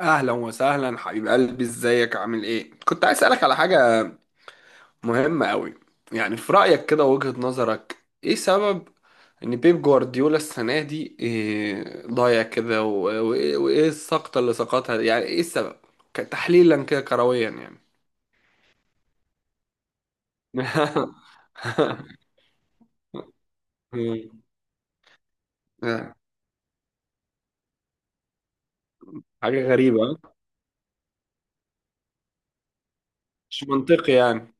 اهلا وسهلا حبيب قلبي، ازيك عامل ايه؟ كنت عايز اسالك على حاجه مهمه قوي. يعني في رايك، كده وجهة نظرك ايه سبب ان بيب جوارديولا السنه دي إيه ضايع كده وايه السقطه اللي سقطها دي؟ يعني ايه السبب، تحليلا كده كرويا يعني؟ مم. حاجه غريبه، مش منطقي يعني.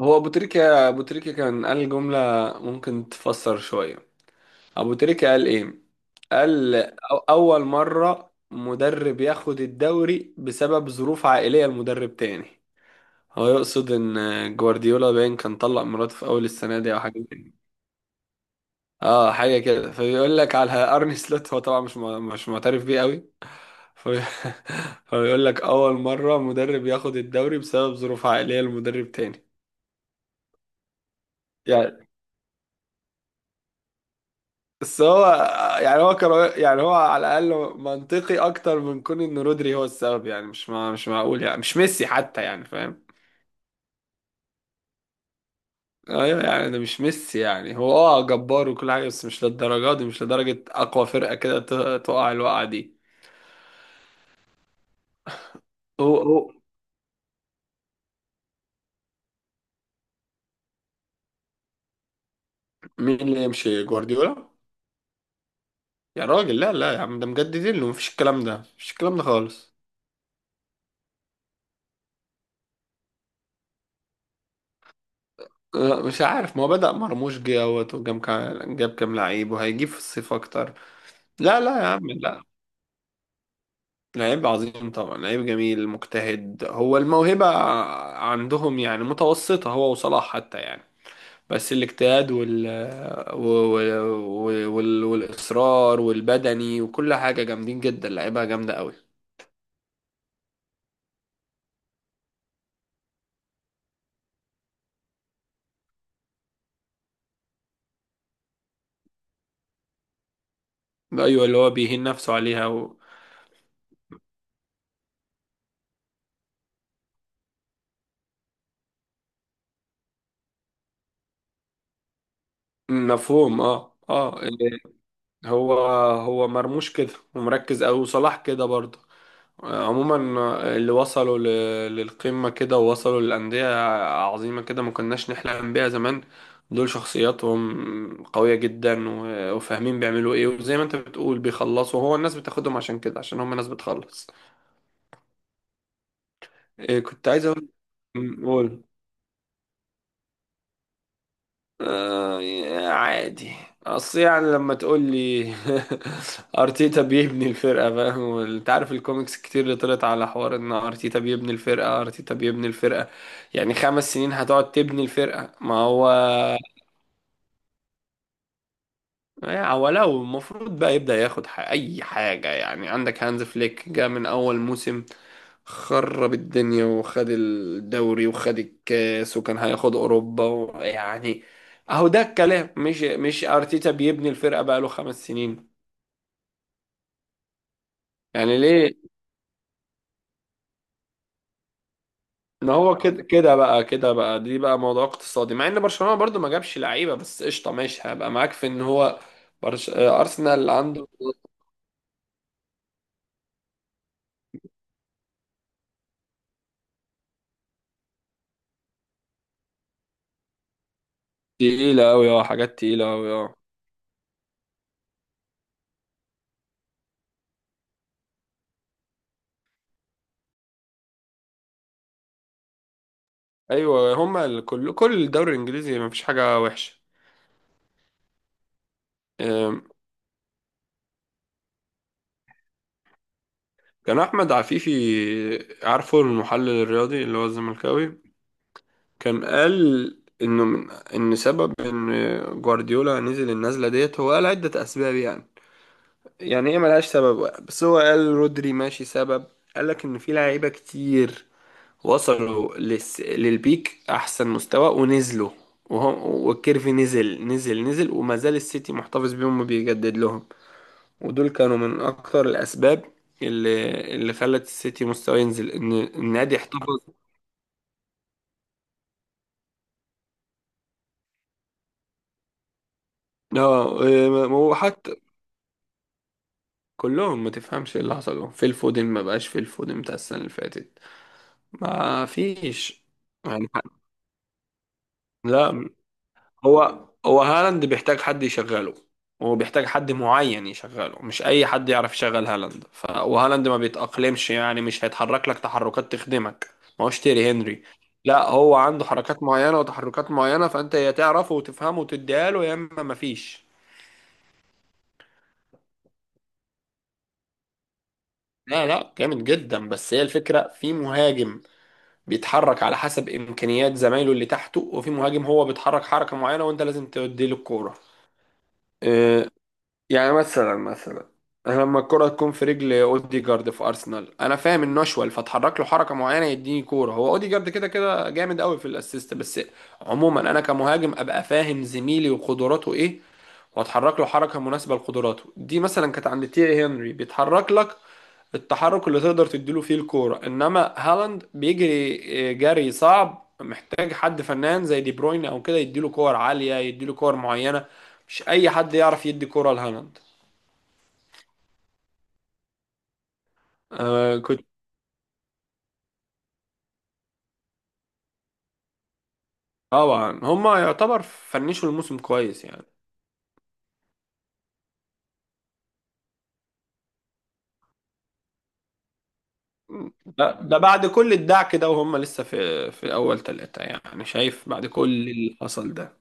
هو ابو تريكه ابو تريكه كان قال جمله ممكن تفسر شويه. ابو تريكه قال ايه؟ قال أول مرة مدرب ياخد الدوري بسبب ظروف عائلية لمدرب تاني. هو يقصد إن جوارديولا باين كان طلق مراته في أول السنة دي أو حاجة كده. اه، حاجة كده، فبيقول لك على أرني سلوت. هو طبعا مش معترف بيه قوي، فبي- فبيقول لك أول مرة مدرب ياخد الدوري بسبب ظروف عائلية لمدرب تاني، يعني. بس هو يعني هو كان يعني هو على الأقل منطقي أكتر من كون إن رودري هو السبب. يعني مش معقول يعني، مش ميسي حتى، يعني فاهم؟ ايوه، يعني ده مش ميسي. يعني هو اه جبار وكل حاجه، بس مش للدرجه دي، مش لدرجه اقوى فرقه كده تقع الوقعه دي. هو هو مين اللي يمشي جوارديولا؟ يا راجل، لا لا يا عم، ده مجددين له، مفيش الكلام ده، مفيش الكلام ده خالص. لا، مش عارف، ما هو بدأ مرموش جه اهوت، وجاب كام، جاب كام لعيب، وهيجيب في الصيف اكتر. لا لا يا عم، لا. لعيب عظيم طبعا، لعيب جميل مجتهد. هو الموهبة عندهم يعني متوسطة، هو وصلاح حتى يعني. بس الاجتهاد وال... والإصرار والبدني وكل حاجة جامدين جدا، لعيبة جامدة قوي. أيوة، اللي هو بيهين نفسه عليها مفهوم، اه اه، اللي هو هو مرموش كده، ومركز قوي، وصلاح كده برضه. عموما، اللي وصلوا للقمة كده، ووصلوا للأندية عظيمة كده ما كناش نحلم بيها زمان، دول شخصياتهم قوية جدا وفاهمين بيعملوا ايه، وزي ما انت بتقول بيخلصوا. هو الناس بتاخدهم عشان كده، عشان هم ناس بتخلص. إيه، كنت عايز اقول. قول. آه، عادي. اصل يعني لما تقول لي ارتيتا بيبني الفرقه، فاهم؟ انت عارف الكوميكس كتير اللي طلعت على حوار ان ارتيتا بيبني الفرقه، ارتيتا بيبني الفرقه. يعني 5 سنين هتقعد تبني الفرقه؟ ما هو يعني، ولو المفروض بقى يبدأ ياخد أي حاجة. يعني عندك هانز فليك، جه من أول موسم خرب الدنيا وخد الدوري وخد الكاس وكان هياخد أوروبا يعني، أهو ده الكلام. مش أرتيتا بيبني الفرقة بقاله 5 سنين يعني ليه؟ ما هو كده كده بقى، كده بقى دي بقى موضوع اقتصادي. مع إن برشلونة برضو ما جابش لعيبة، بس قشطة ماشي، هبقى معاك في إن هو برش... آه، أرسنال عنده تقيلة أوي، أه، حاجات تقيلة أوي، أه. ايوه، هما كل الدوري الانجليزي ما فيش حاجه وحشه. أم، كان احمد عفيفي، عارفه المحلل الرياضي اللي هو الزملكاوي، كان قال انه من ان سبب ان جوارديولا نزل النزله ديت، هو قال عده اسباب يعني ايه، ملهاش سبب واحد، بس هو قال رودري ماشي سبب. قال لك ان في لعيبه كتير وصلوا للبيك احسن مستوى ونزلوا، وهم والكيرف نزل نزل نزل، وما زال السيتي محتفظ بيهم وبيجدد لهم. ودول كانوا من اكتر الاسباب اللي خلت السيتي مستواه ينزل، ان النادي احتفظ. اه، إيه، وحتى كلهم ما تفهمش ايه اللي حصل لهم في الفودن. ما بقاش في الفودن بتاع السنه اللي فاتت، ما فيش يعني. لا، هو هو هالاند بيحتاج حد يشغله. هو بيحتاج حد معين يشغله، مش اي حد يعرف يشغل هالاند. وهالاند ما بيتأقلمش يعني، مش هيتحرك لك تحركات تخدمك، ما هوش تيري هنري. لا، هو عنده حركات معينة وتحركات معينة، فانت يا تعرفه وتفهمه وتديها له، يا اما ما فيش. لا لا، جامد جدا، بس هي الفكرة في مهاجم بيتحرك على حسب امكانيات زمايله اللي تحته، وفي مهاجم هو بيتحرك حركة معينة وانت لازم تديله الكورة. يعني مثلا أنا لما الكرة تكون في رجل اوديجارد في ارسنال، انا فاهم انه اشول فاتحرك له حركه معينه يديني كوره. هو اوديجارد كده كده جامد قوي في الاسيست. بس عموما انا كمهاجم ابقى فاهم زميلي وقدراته ايه، واتحرك له حركه مناسبه لقدراته دي. مثلا كانت عند تيري هنري، بيتحرك لك التحرك اللي تقدر تديله فيه الكوره. انما هالاند بيجري، جري صعب، محتاج حد فنان زي دي بروين او كده يديله كور عاليه، يديله كور معينه. مش اي حد يعرف يدي كوره لهالاند. آه كنت. طبعا هما يعتبر فنشوا الموسم كويس يعني. ده بعد كل الدعك ده وهم لسه في في اول ثلاثة، يعني شايف بعد كل اللي حصل ده.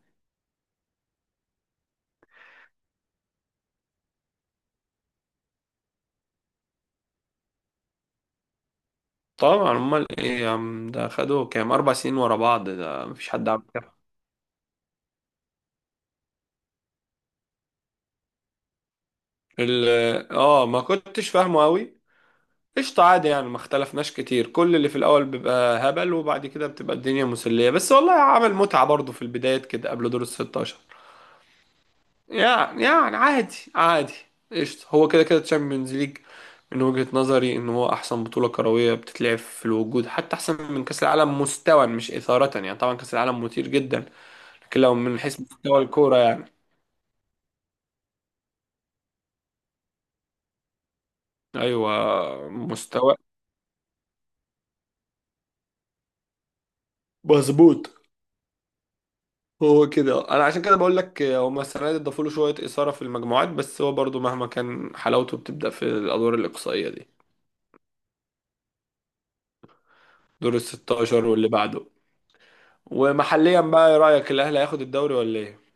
طبعا امال ايه يا عم؟ ده خدوا كام، 4 سنين ورا بعض، ده مفيش حد عمل كده. ما كنتش فاهمه قوي. قشطة، عادي يعني، ما اختلفناش كتير. كل اللي في الاول بيبقى هبل، وبعد كده بتبقى الدنيا مسلية. بس والله عمل متعة برضه في البداية كده، قبل دور ال 16. عادي عادي، قشطة. هو كده كده تشامبيونز ليج من وجهة نظري ان هو احسن بطولة كروية بتتلعب في الوجود، حتى احسن من كأس العالم مستوى، مش إثارة يعني. طبعا كأس العالم مثير جدا، لكن لو من حيث مستوى الكورة يعني. ايوه، مستوى مظبوط. هو كده، انا عشان كده بقول لك هما السنة دي ضافوا له شوية إثارة في المجموعات، بس هو برضو مهما كان حلاوته بتبدأ في الأدوار الإقصائية دي، دور ال 16 واللي بعده. ومحليا بقى، ايه رأيك؟ الاهلي هياخد الدوري ولا ايه؟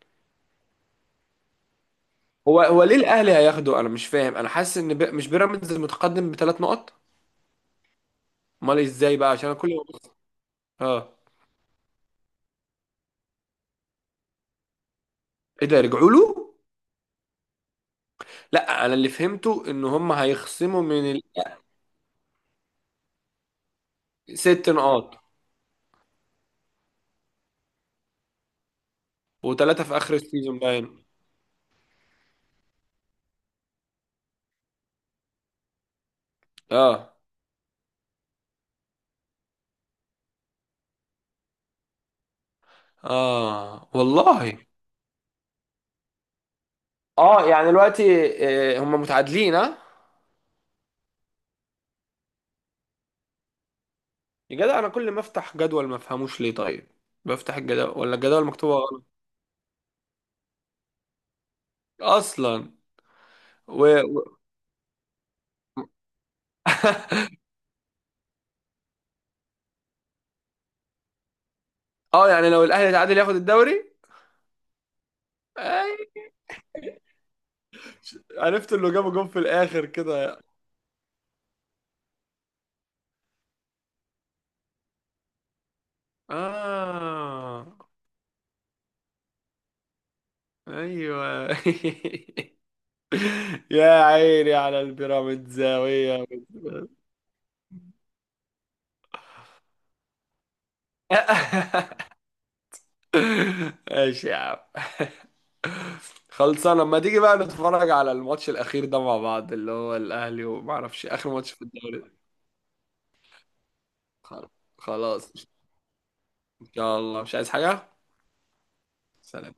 هو هو ليه الاهلي هياخده؟ انا مش فاهم، انا حاسس ان مش بيراميدز المتقدم ب3 نقط. امال ازاي بقى؟ عشان أنا كل يوم ببص. اه، ايه ده، رجعوا له؟ لا، انا اللي فهمته ان هم هيخصموا من 6 نقاط و3 في اخر السيزون باين. اه. اه والله. اه، يعني دلوقتي هم متعادلين، ها. يا جدع، انا كل ما افتح جدول ما افهموش ليه، طيب. بفتح الجدول ولا الجدول مكتوبه غلط اصلا؟ و... و... اه، يعني لو الاهلي تعادل ياخد الدوري. آه، عرفت اللي جابوا جون في الاخر كده. اه، ايوه. يا عيني على البيراميدزاوية. ماشي يا عم، خلصانه. لما تيجي بقى نتفرج على الماتش الاخير ده مع بعض، اللي هو الاهلي وما اعرفش اخر ماتش في الدوري. خلاص. خلاص، ان شاء الله. مش عايز حاجه. سلام.